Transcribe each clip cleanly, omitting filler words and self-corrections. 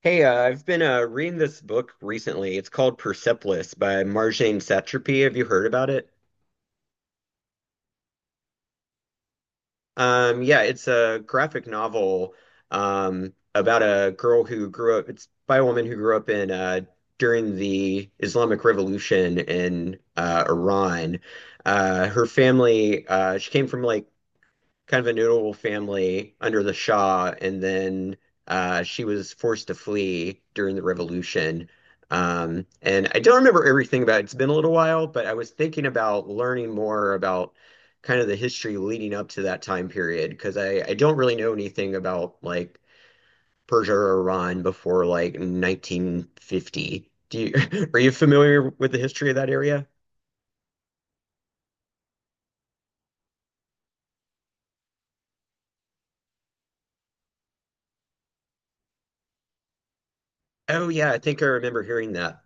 Hey, I've been reading this book recently. It's called Persepolis by Marjane Satrapi. Have you heard about it? Yeah, it's a graphic novel about a girl who grew up. It's by a woman who grew up in during the Islamic Revolution in Iran. Her family, she came from like kind of a notable family under the Shah, and then she was forced to flee during the revolution. And I don't remember everything about it. It's been a little while, but I was thinking about learning more about kind of the history leading up to that time period because I don't really know anything about like Persia or Iran before like 1950. Are you familiar with the history of that area? Oh yeah, I think I remember hearing that.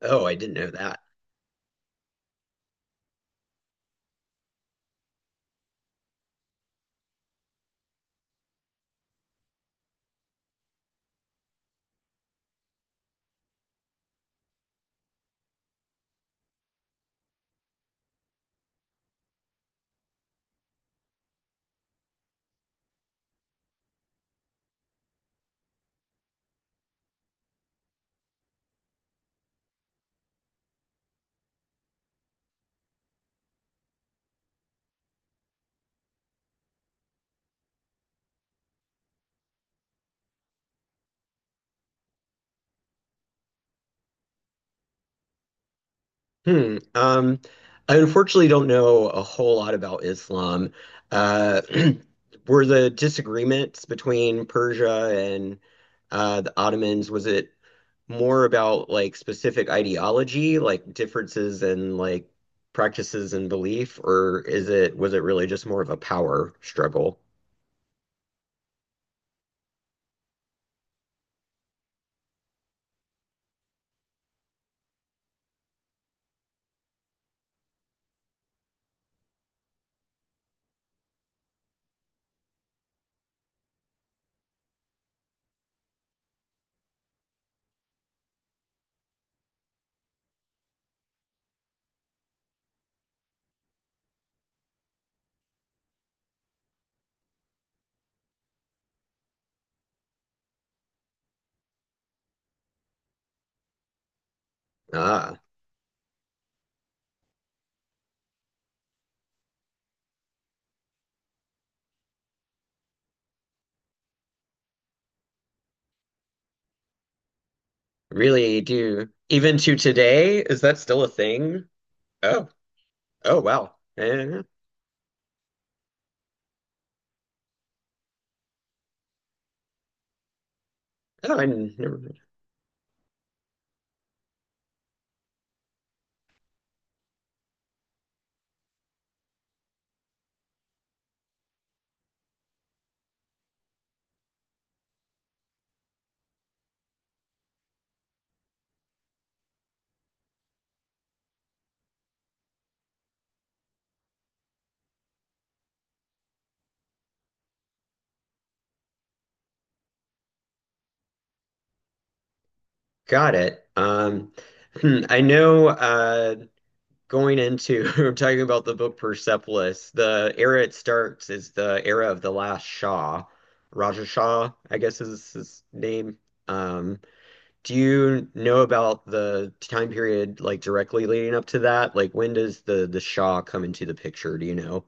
Oh, I didn't know that. Hmm. I unfortunately don't know a whole lot about Islam. Uh, were the disagreements between Persia and the Ottomans, was it more about like specific ideology, like differences in like practices and belief, or is it was it really just more of a power struggle? Ah, really do. Even to today, is that still a thing? Oh, oh wow. Eh, oh, I never. Got it. Hmm, I know going into talking about the book Persepolis, the era it starts is the era of the last Shah. Raja Shah, I guess is his name. Um, do you know about the time period like directly leading up to that? Like when does the Shah come into the picture? Do you know?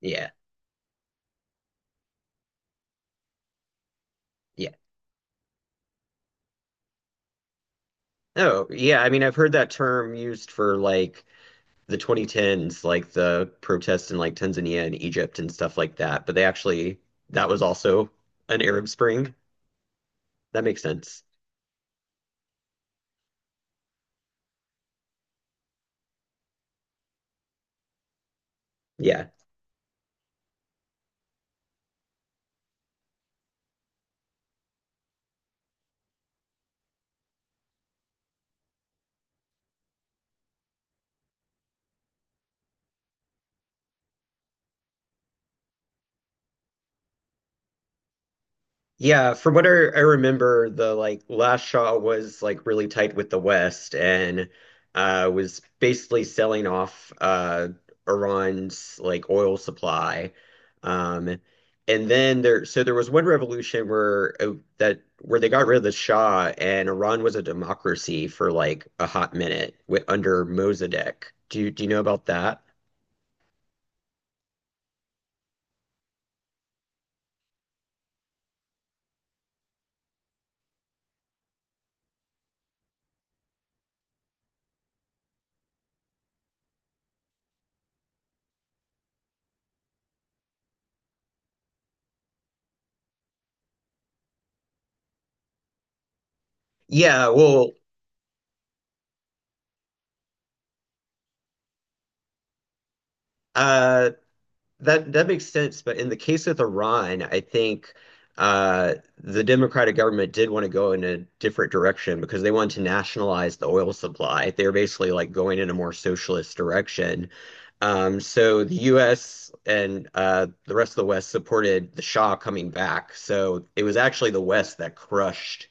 Yeah, yeah. Oh, yeah. I mean, I've heard that term used for like the 2010s, like the protests in like Tanzania and Egypt and stuff like that. But they actually, that was also an Arab Spring. That makes sense. Yeah. Yeah, from what I remember, the like last Shaw was like really tight with the West and was basically selling off Iran's like oil supply. Um and then there was one revolution where that where they got rid of the Shah and Iran was a democracy for like a hot minute with, under Mossadegh. Do you know about that? Yeah, well, uh that makes sense, but in the case with Iran, I think the democratic government did want to go in a different direction because they wanted to nationalize the oil supply. They were basically like going in a more socialist direction. So the U.S. and the rest of the West supported the Shah coming back. So it was actually the West that crushed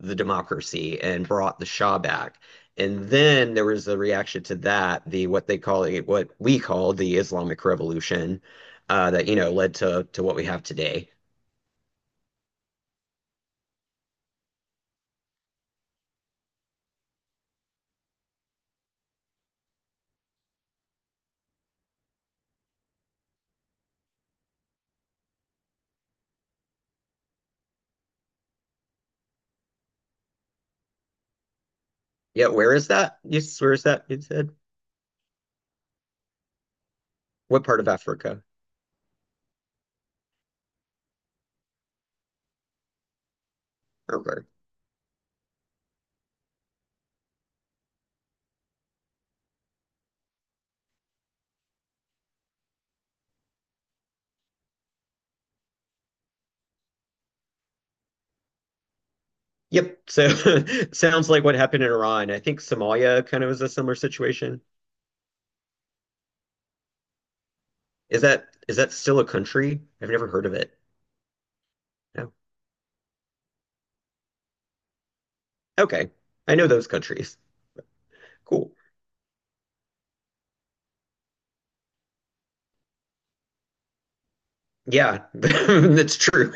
the democracy and brought the Shah back. And then there was a reaction to that, the what they call it, what we call the Islamic Revolution, that you know led to what we have today. Yeah, where is that? Yes, where is that? You said what part of Africa? Okay. Yep. So sounds like what happened in Iran. I think Somalia kind of was a similar situation. Is that still a country? I've never heard of it. No. Okay. I know those countries. Cool. Yeah, that's true.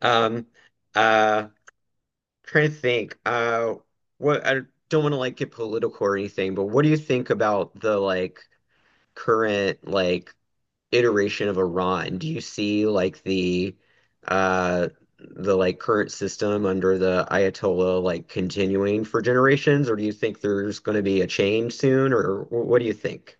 Um, uh, trying to think. What I don't want to like get political or anything, but what do you think about the like current like iteration of Iran? Do you see like uh the like current system under the Ayatollah like continuing for generations, or do you think there's going to be a change soon, or what do you think?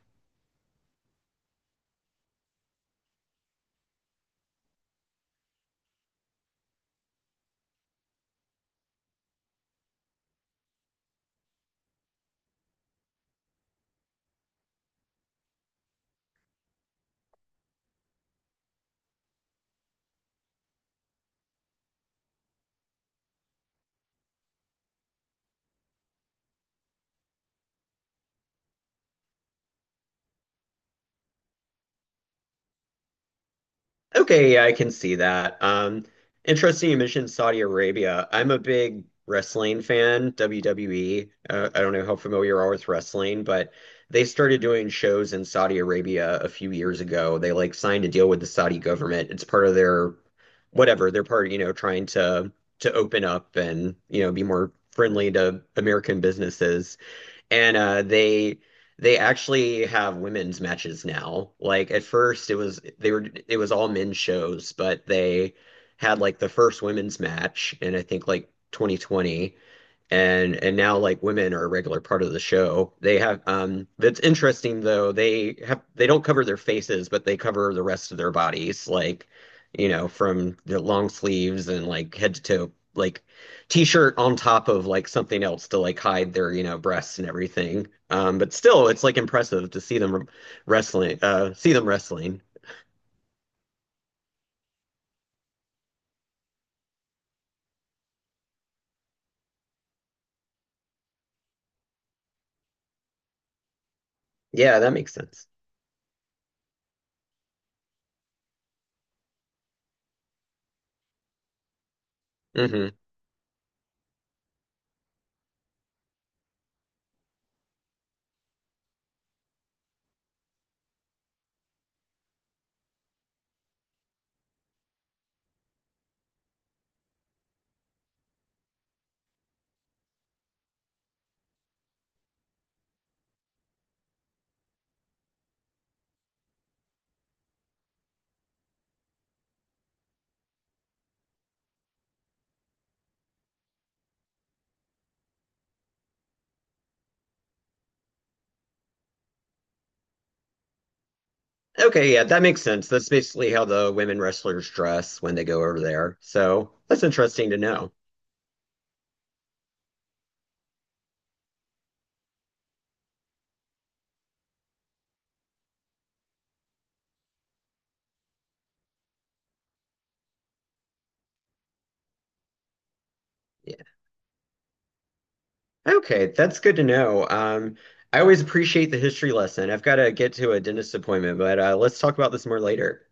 Okay, yeah, I can see that. Interesting you mentioned Saudi Arabia. I'm a big wrestling fan, WWE. I don't know how familiar you are with wrestling, but they started doing shows in Saudi Arabia a few years ago. They like signed a deal with the Saudi government. It's part of their whatever, they're part, you know, trying to open up and, you know, be more friendly to American businesses. And they actually have women's matches now. Like at first it was all men's shows, but they had like the first women's match in I think like 2020 and now like women are a regular part of the show. They have that's interesting though. They have they don't cover their faces, but they cover the rest of their bodies, like you know, from the long sleeves and like head to toe, like t-shirt on top of like something else to like hide their, you know, breasts and everything. But still, it's like impressive to see them see them wrestling. Yeah, that makes sense. Hmm. Okay, yeah, that makes sense. That's basically how the women wrestlers dress when they go over there. So that's interesting to know. Yeah. Okay, that's good to know. I always appreciate the history lesson. I've got to get to a dentist appointment, but let's talk about this more later.